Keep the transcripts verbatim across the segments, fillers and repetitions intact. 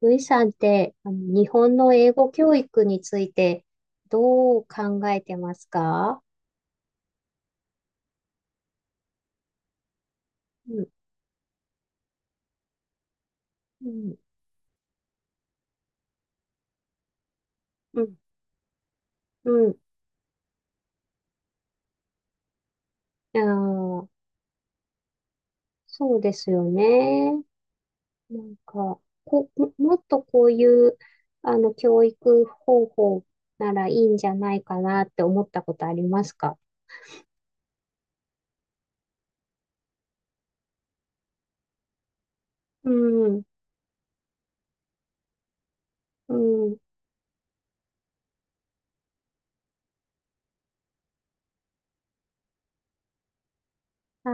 ルイさんって、あの、日本の英語教育についてどう考えてますか？うん、うん、うん、うん。あー、そうですよね。なんか、こ、ももっとこういう、あの、教育方法ならいいんじゃないかなって思ったことありますか？うん、うん。あ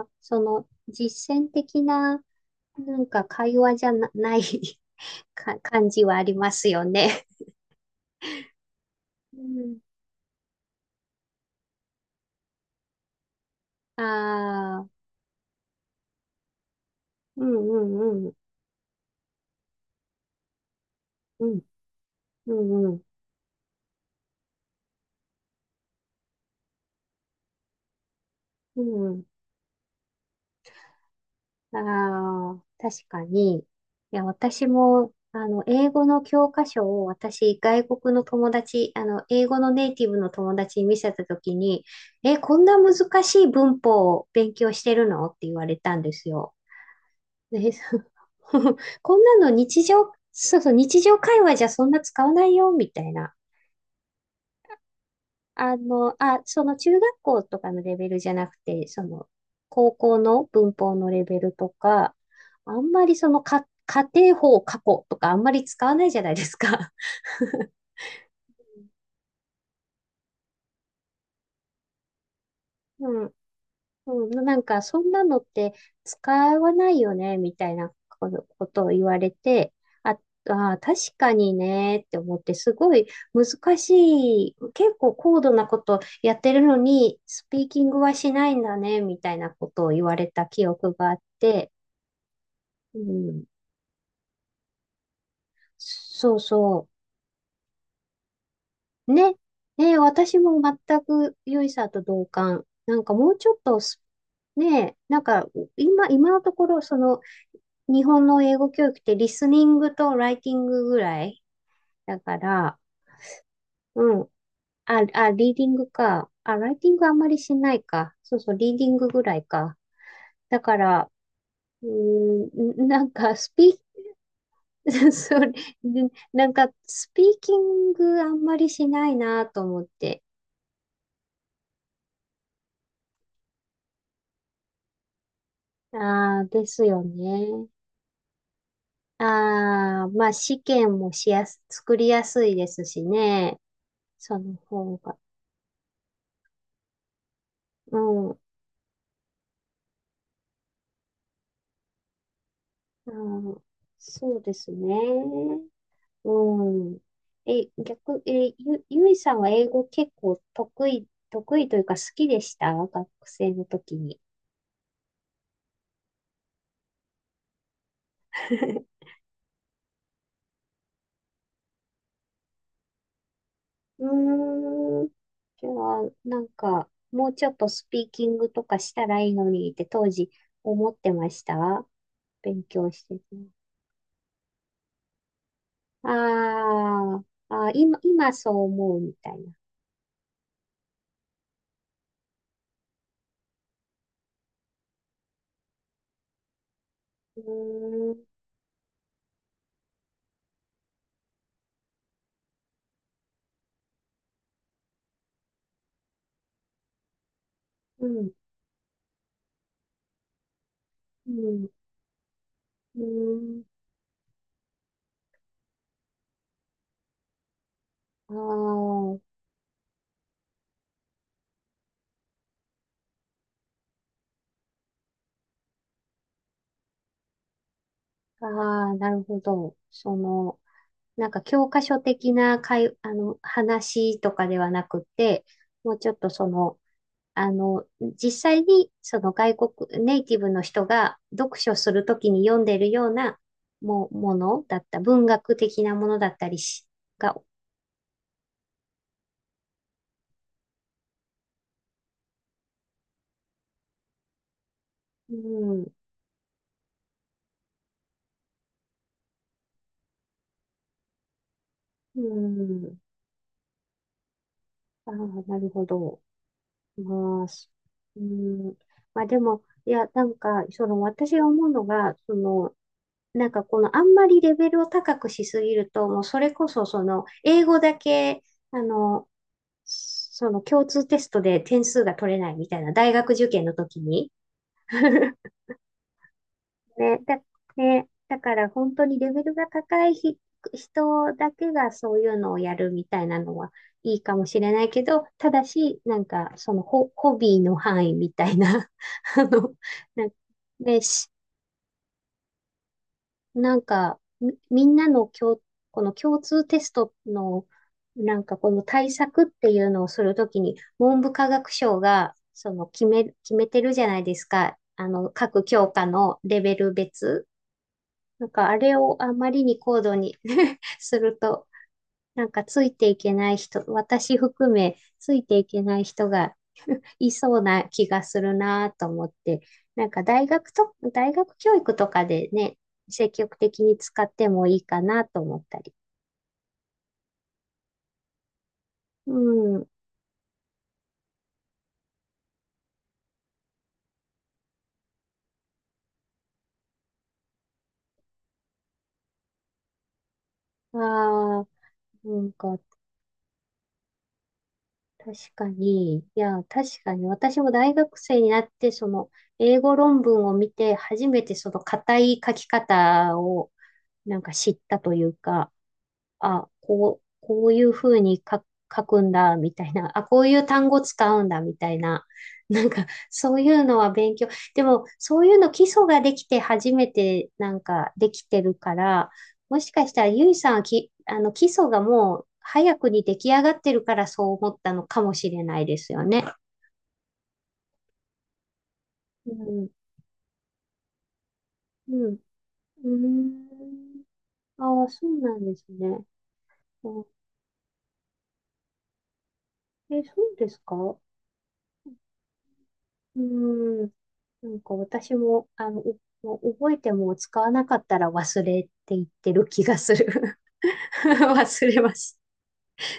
あ、その、実践的な、なんか会話じゃな、ない か感じはありますよね。うん。ああ、うんうん、うん、うん、うんうん、うん。ああ、確かに。いや、私も、あの、英語の教科書を私、外国の友達、あの、英語のネイティブの友達に見せたときに、え、こんな難しい文法を勉強してるのって言われたんですよ。ね、そう。 こんなの日常、そうそう、日常会話じゃそんな使わないよ、みたいな。あの、あ、その中学校とかのレベルじゃなくて、その、高校の文法のレベルとか、あんまりその、か、仮定法過去とかあんまり使わないじゃないですか。うん。うん、なんか、そんなのって使わないよね、みたいなことことを言われて、あ、あー、確かにね、って思って、すごい難しい、結構高度なことやってるのに、スピーキングはしないんだね、みたいなことを言われた記憶があって、うん、そうそう。ね、ね、私も全く良いさんと同感。なんかもうちょっとスねえ、なんか、今、今のところ、その、日本の英語教育ってリスニングとライティングぐらいだから、うん。あ、あ、リーディングか。あ、ライティングあんまりしないか。そうそう、リーディングぐらいか。だから、うーん、なんか、スピ、それ、でなんか、スピーキングあんまりしないなと思って。ああ、ですよね。ああ、まあ、試験もしやす、作りやすいですしね。その方が。うん。あー、そうですね。うん。え、逆、え、ゆ、ゆいさんは英語結構得意、得意というか好きでした学生の時に？うーん。じゃあ、なんか、もうちょっとスピーキングとかしたらいいのにって当時思ってました勉強してて。あー、あー、今、今そう思うみたいな。うーん、うん、うん、うん。ああ、ああ、なるほど。その、なんか教科書的な会、あの、話とかではなくて、もうちょっとその、あの、実際にその外国、ネイティブの人が読書するときに読んでるようなも、ものだった、文学的なものだったりし、が、うん、うん、ああ、なるほど。まあ、そうん、まあでも、いや、なんか、その私が思うのが、その、なんかこのあんまりレベルを高くしすぎると、もうそれこそその英語だけ、あの、その共通テストで点数が取れないみたいな大学受験の時に。ね、だ、ね、だから本当にレベルが高いひ人だけがそういうのをやるみたいなのはいいかもしれないけど、ただし、なんかそのホ、ホビーの範囲みたいな、あの、なんかね、し、なんか、み、みんなの共、この共通テストの、なんかこの対策っていうのをするときに、文部科学省が、その決め、決めてるじゃないですか。あの、各教科のレベル別。なんかあれをあまりに高度に すると、なんかついていけない人、私含めついていけない人がいそうな気がするなと思って、なんか大学と、大学教育とかでね、積極的に使ってもいいかなと思ったり。うん。ああ、なんか確かに、いや、確かに私も大学生になって、その英語論文を見て、初めてその硬い書き方をなんか知ったというか、あ、こう、こういうふうに書書くんだ、みたいな。あ、こういう単語使うんだ、みたいな。なんか、そういうのは勉強。でも、そういうの基礎ができて初めて、なんか、できてるから、もしかしたら、ゆいさんはき、あの、基礎がもう、早くに出来上がってるから、そう思ったのかもしれないですよね。うん、うん、うーん。ああ、そうなんですね。あ、え、そうですか？うーん。なんか私も、あの、おもう覚えても使わなかったら忘れって言ってる気がする。忘れます。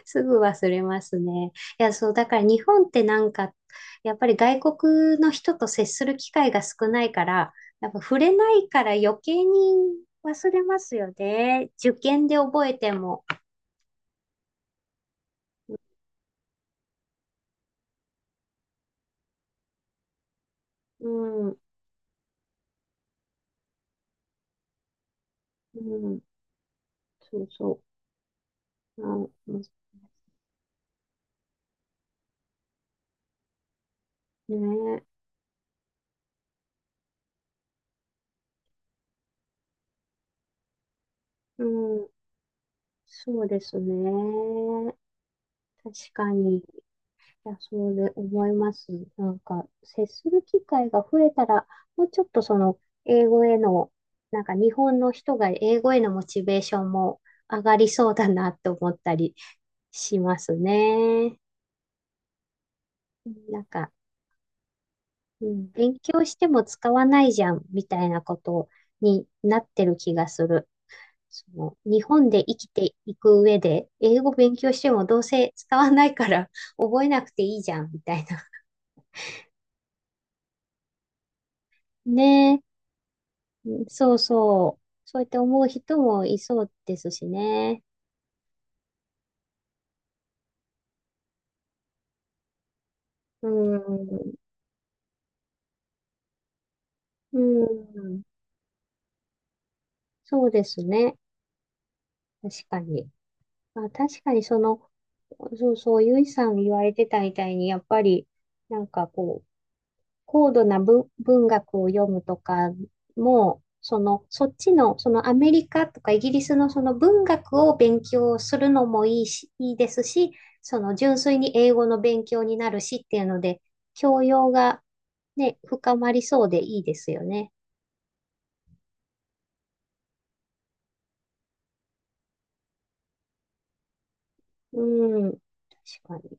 すぐ忘れますね。いや、そう、だから日本ってなんか、やっぱり外国の人と接する機会が少ないから、やっぱ触れないから余計に忘れますよね。受験で覚えても。うん、うん、そうそう。あ、ね、うん、そうですね。確かに。いや、そうで思います。なんか、接する機会が増えたら、もうちょっとその、英語への、なんか日本の人が英語へのモチベーションも上がりそうだなって思ったりしますね。なんか、うん、勉強しても使わないじゃん、みたいなことになってる気がする。その、日本で生きていく上で、英語勉強してもどうせ使わないから覚えなくていいじゃん、みたいな。ねえ。うん、そうそう。そうやって思う人もいそうですしね。うん。うん。そうですね。確かに。まあ、確かにその、そうそう、ゆいさん言われてたみたいに、やっぱり、なんかこう、高度な文、文学を読むとかも、その、そっちの、そのアメリカとかイギリスのその文学を勉強するのもいいし、いいですし、その純粋に英語の勉強になるしっていうので、教養がね、深まりそうでいいですよね。うん、確かに。